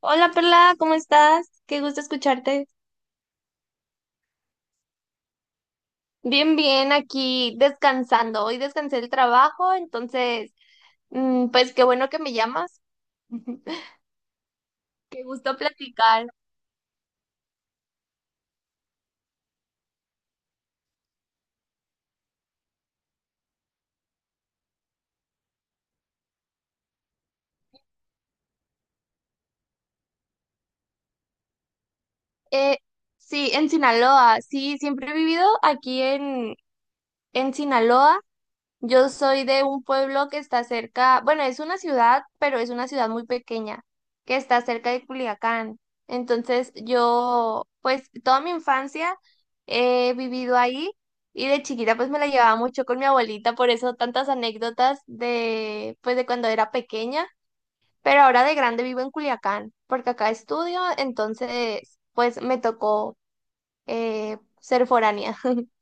Hola Perla, ¿cómo estás? Qué gusto escucharte. Bien, bien, aquí descansando. Hoy descansé del trabajo, entonces, pues qué bueno que me llamas. Qué gusto platicar. Eh, sí, en Sinaloa. Sí, siempre he vivido aquí en Sinaloa. Yo soy de un pueblo que está cerca, bueno, es una ciudad, pero es una ciudad muy pequeña, que está cerca de Culiacán. Entonces yo, pues toda mi infancia he vivido ahí y de chiquita pues me la llevaba mucho con mi abuelita, por eso tantas anécdotas de, pues de cuando era pequeña, pero ahora de grande vivo en Culiacán, porque acá estudio, entonces pues me tocó ser foránea.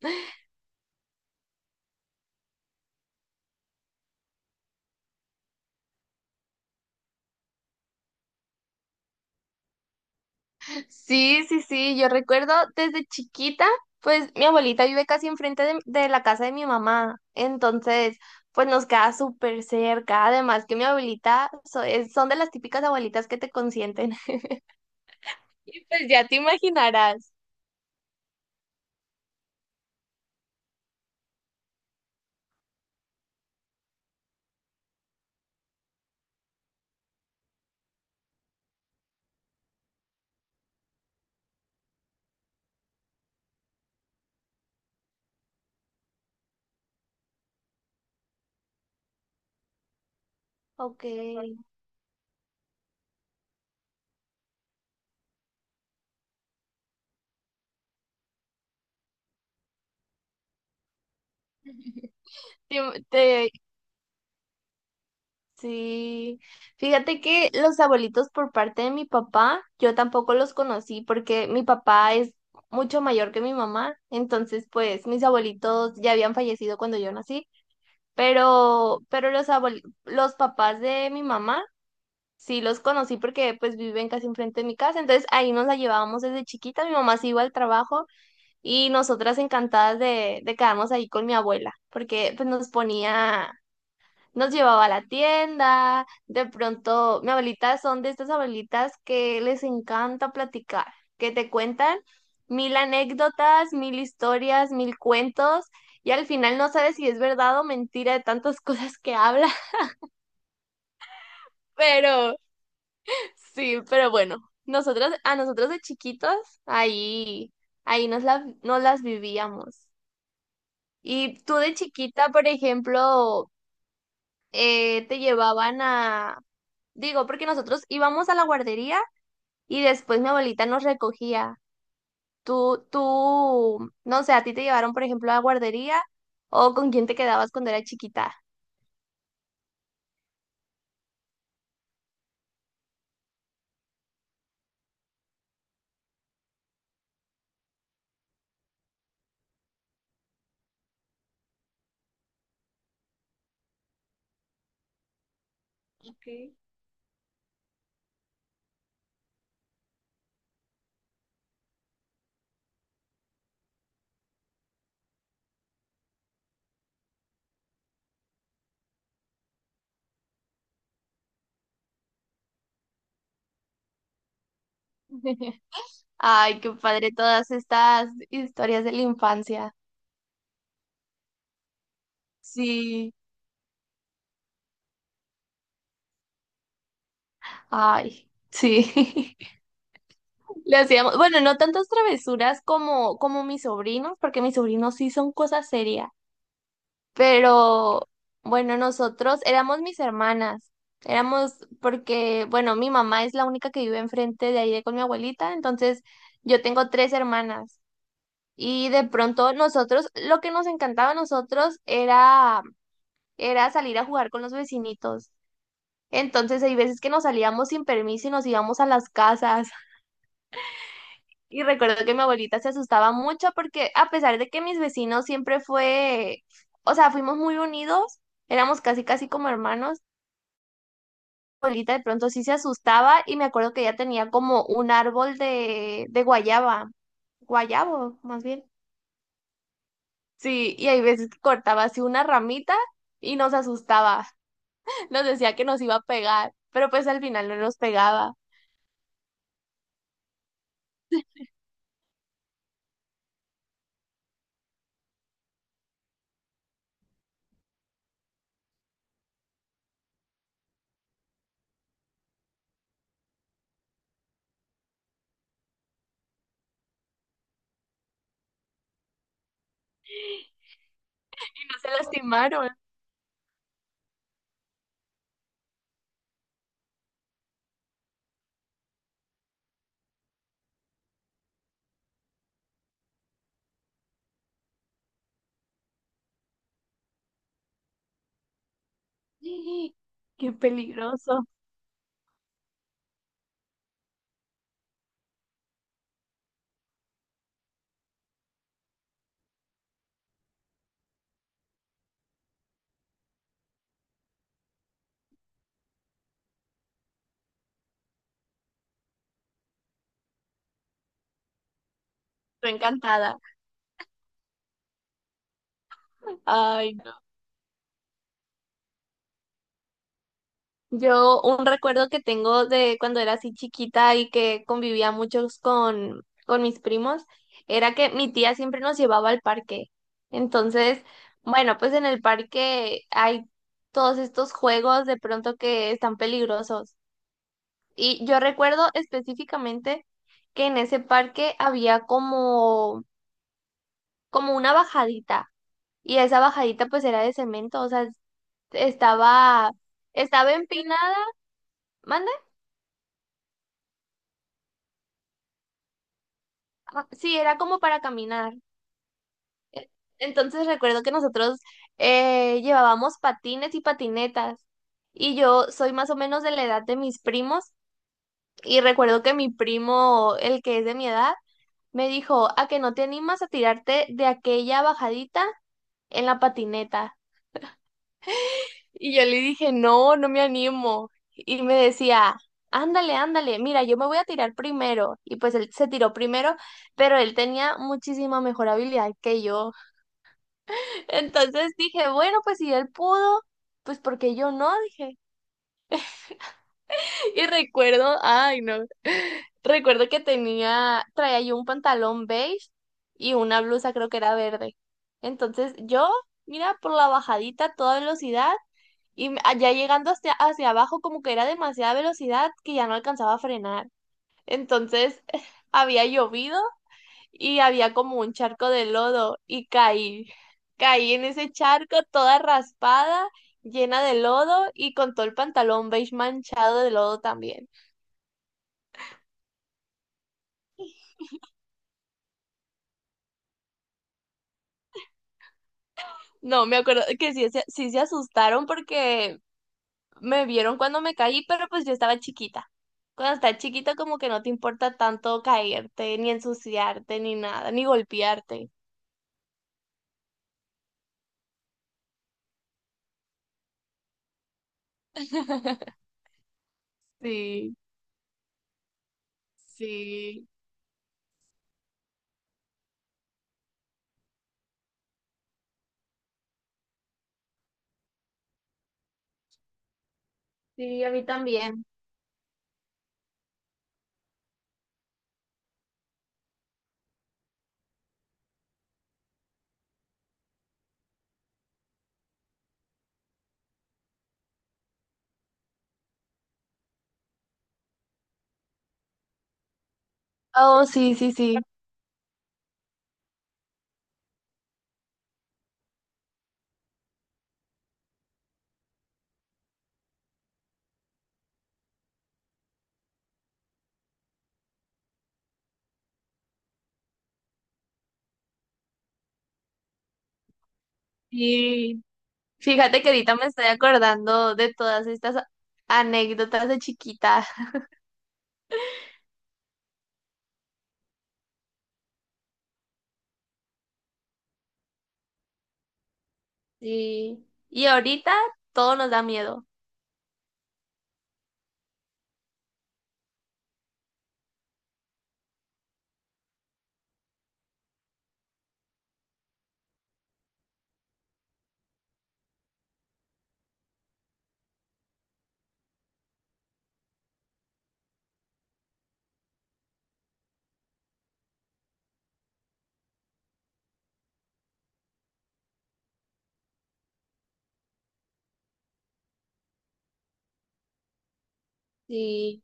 Sí, sí, sí, yo recuerdo desde chiquita, pues mi abuelita vive casi enfrente de la casa de mi mamá, entonces pues nos queda súper cerca, además que mi abuelita son de las típicas abuelitas que te consienten, y pues ya te imaginarás. Ok. Te- te- sí, fíjate que los abuelitos por parte de mi papá, yo tampoco los conocí porque mi papá es mucho mayor que mi mamá, entonces pues mis abuelitos ya habían fallecido cuando yo nací. Pero los los papás de mi mamá, sí los conocí porque pues viven casi enfrente de mi casa, entonces ahí nos la llevábamos desde chiquita, mi mamá se iba al trabajo y nosotras encantadas de quedarnos ahí con mi abuela, porque pues nos ponía nos llevaba a la tienda, de pronto, mi abuelita son de estas abuelitas que les encanta platicar, que te cuentan mil anécdotas, mil historias, mil cuentos, y al final no sabes si es verdad o mentira de tantas cosas que habla, pero sí, pero bueno, nosotros, a nosotros de chiquitos, ahí, ahí nos las vivíamos. Y tú de chiquita, por ejemplo, te llevaban a, digo, porque nosotros íbamos a la guardería y después mi abuelita nos recogía. No sé, a ti te llevaron, por ejemplo, a la guardería o con quién te quedabas cuando era chiquita. Ay, qué padre todas estas historias de la infancia. Sí, ay, sí. Le hacíamos, bueno, no tantas travesuras como mis sobrinos, porque mis sobrinos sí son cosas serias. Pero bueno, nosotros éramos mis hermanas. Éramos porque, bueno, mi mamá es la única que vive enfrente de ahí de con mi abuelita, entonces yo tengo tres hermanas. Y de pronto nosotros, lo que nos encantaba a nosotros era salir a jugar con los vecinitos. Entonces hay veces que nos salíamos sin permiso y nos íbamos a las casas. Y recuerdo que mi abuelita se asustaba mucho porque a pesar de que mis vecinos siempre fue, o sea, fuimos muy unidos, éramos casi casi como hermanos. Abuelita de pronto sí se asustaba y me acuerdo que ella tenía como un árbol de guayaba, guayabo más bien. Sí, y hay veces que cortaba así una ramita y nos asustaba, nos decía que nos iba a pegar, pero pues al final no nos pegaba, y no se lastimaron. ¡Qué peligroso! Estoy encantada. Ay, yo un recuerdo que tengo de cuando era así chiquita y que convivía muchos con mis primos era que mi tía siempre nos llevaba al parque. Entonces, bueno, pues en el parque hay todos estos juegos de pronto que están peligrosos. Y yo recuerdo específicamente que en ese parque había como una bajadita y esa bajadita pues era de cemento, o sea, estaba, estaba empinada. ¿Mande? Ah, sí, era como para caminar. Entonces recuerdo que nosotros llevábamos patines y patinetas. Y yo soy más o menos de la edad de mis primos. Y recuerdo que mi primo, el que es de mi edad, me dijo, ¿a que no te animas a tirarte de aquella bajadita en la patineta? Y yo le dije, no, no me animo. Y me decía, ándale, ándale, mira, yo me voy a tirar primero. Y pues él se tiró primero, pero él tenía muchísima mejor habilidad que yo. Entonces dije, bueno, pues si él pudo, pues porque yo no, dije. Y recuerdo, ay no, recuerdo que tenía, traía yo un pantalón beige y una blusa creo que era verde. Entonces yo, mira, por la bajadita a toda velocidad y allá llegando hacia abajo como que era demasiada velocidad que ya no alcanzaba a frenar. Entonces había llovido y había como un charco de lodo y caí. Caí en ese charco toda raspada, llena de lodo y con todo el pantalón beige manchado de lodo también. No, me acuerdo que sí, sí se asustaron porque me vieron cuando me caí, pero pues yo estaba chiquita. Cuando estás chiquita como que no te importa tanto caerte, ni ensuciarte, ni nada, ni golpearte. Sí, sí, sí, a mí también. Oh, sí, sí, sí. Sí, fíjate que ahorita me estoy acordando de todas estas anécdotas de chiquita. Sí. Y ahorita todo nos da miedo. Sí.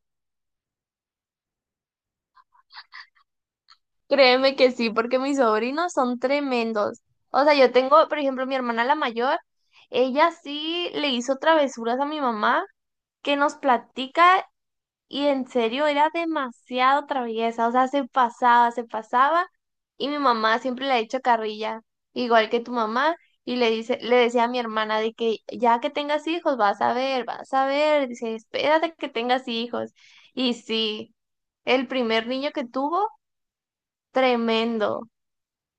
Créeme que sí, porque mis sobrinos son tremendos. O sea, yo tengo, por ejemplo, mi hermana la mayor, ella sí le hizo travesuras a mi mamá que nos platica. Y en serio, era demasiado traviesa, o sea, se pasaba, se pasaba. Y mi mamá siempre le ha hecho carrilla, igual que tu mamá, y le dice, le decía a mi hermana de que ya que tengas hijos, vas a ver, dice, espérate que tengas hijos. Y sí, el primer niño que tuvo, tremendo.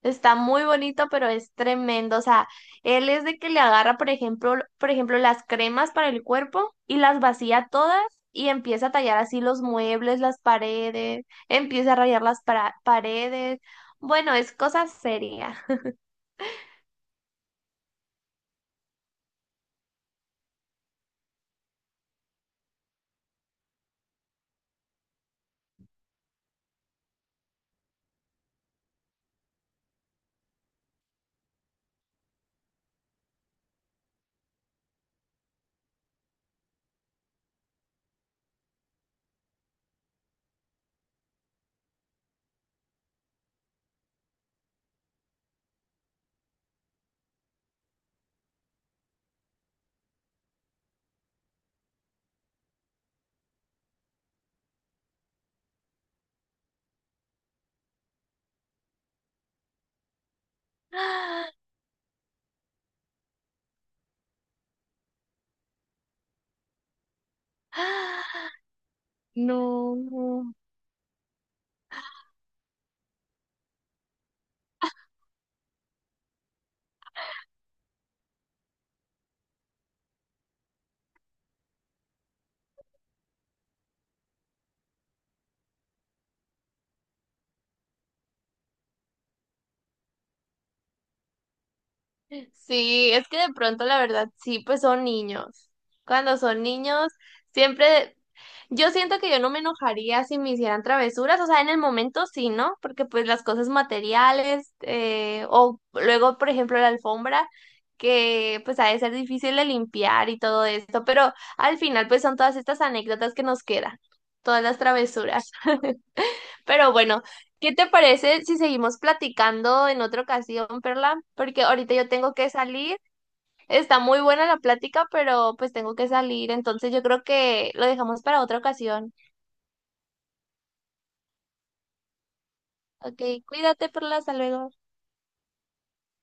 Está muy bonito, pero es tremendo. O sea, él es de que le agarra, por ejemplo, por ejemplo, las cremas para el cuerpo y las vacía todas y empieza a tallar así los muebles, las paredes, empieza a rayar las paredes. Bueno, es cosa seria. No. Sí, es que de pronto la verdad sí, pues son niños. Cuando son niños, siempre yo siento que yo no me enojaría si me hicieran travesuras, o sea, en el momento sí, ¿no? Porque pues las cosas materiales, o luego, por ejemplo, la alfombra, que pues ha de ser difícil de limpiar y todo esto, pero al final pues son todas estas anécdotas que nos quedan, todas las travesuras. Pero bueno, ¿qué te parece si seguimos platicando en otra ocasión, Perla? Porque ahorita yo tengo que salir. Está muy buena la plática, pero pues tengo que salir, entonces yo creo que lo dejamos para otra ocasión. Ok, cuídate, Perla, hasta luego.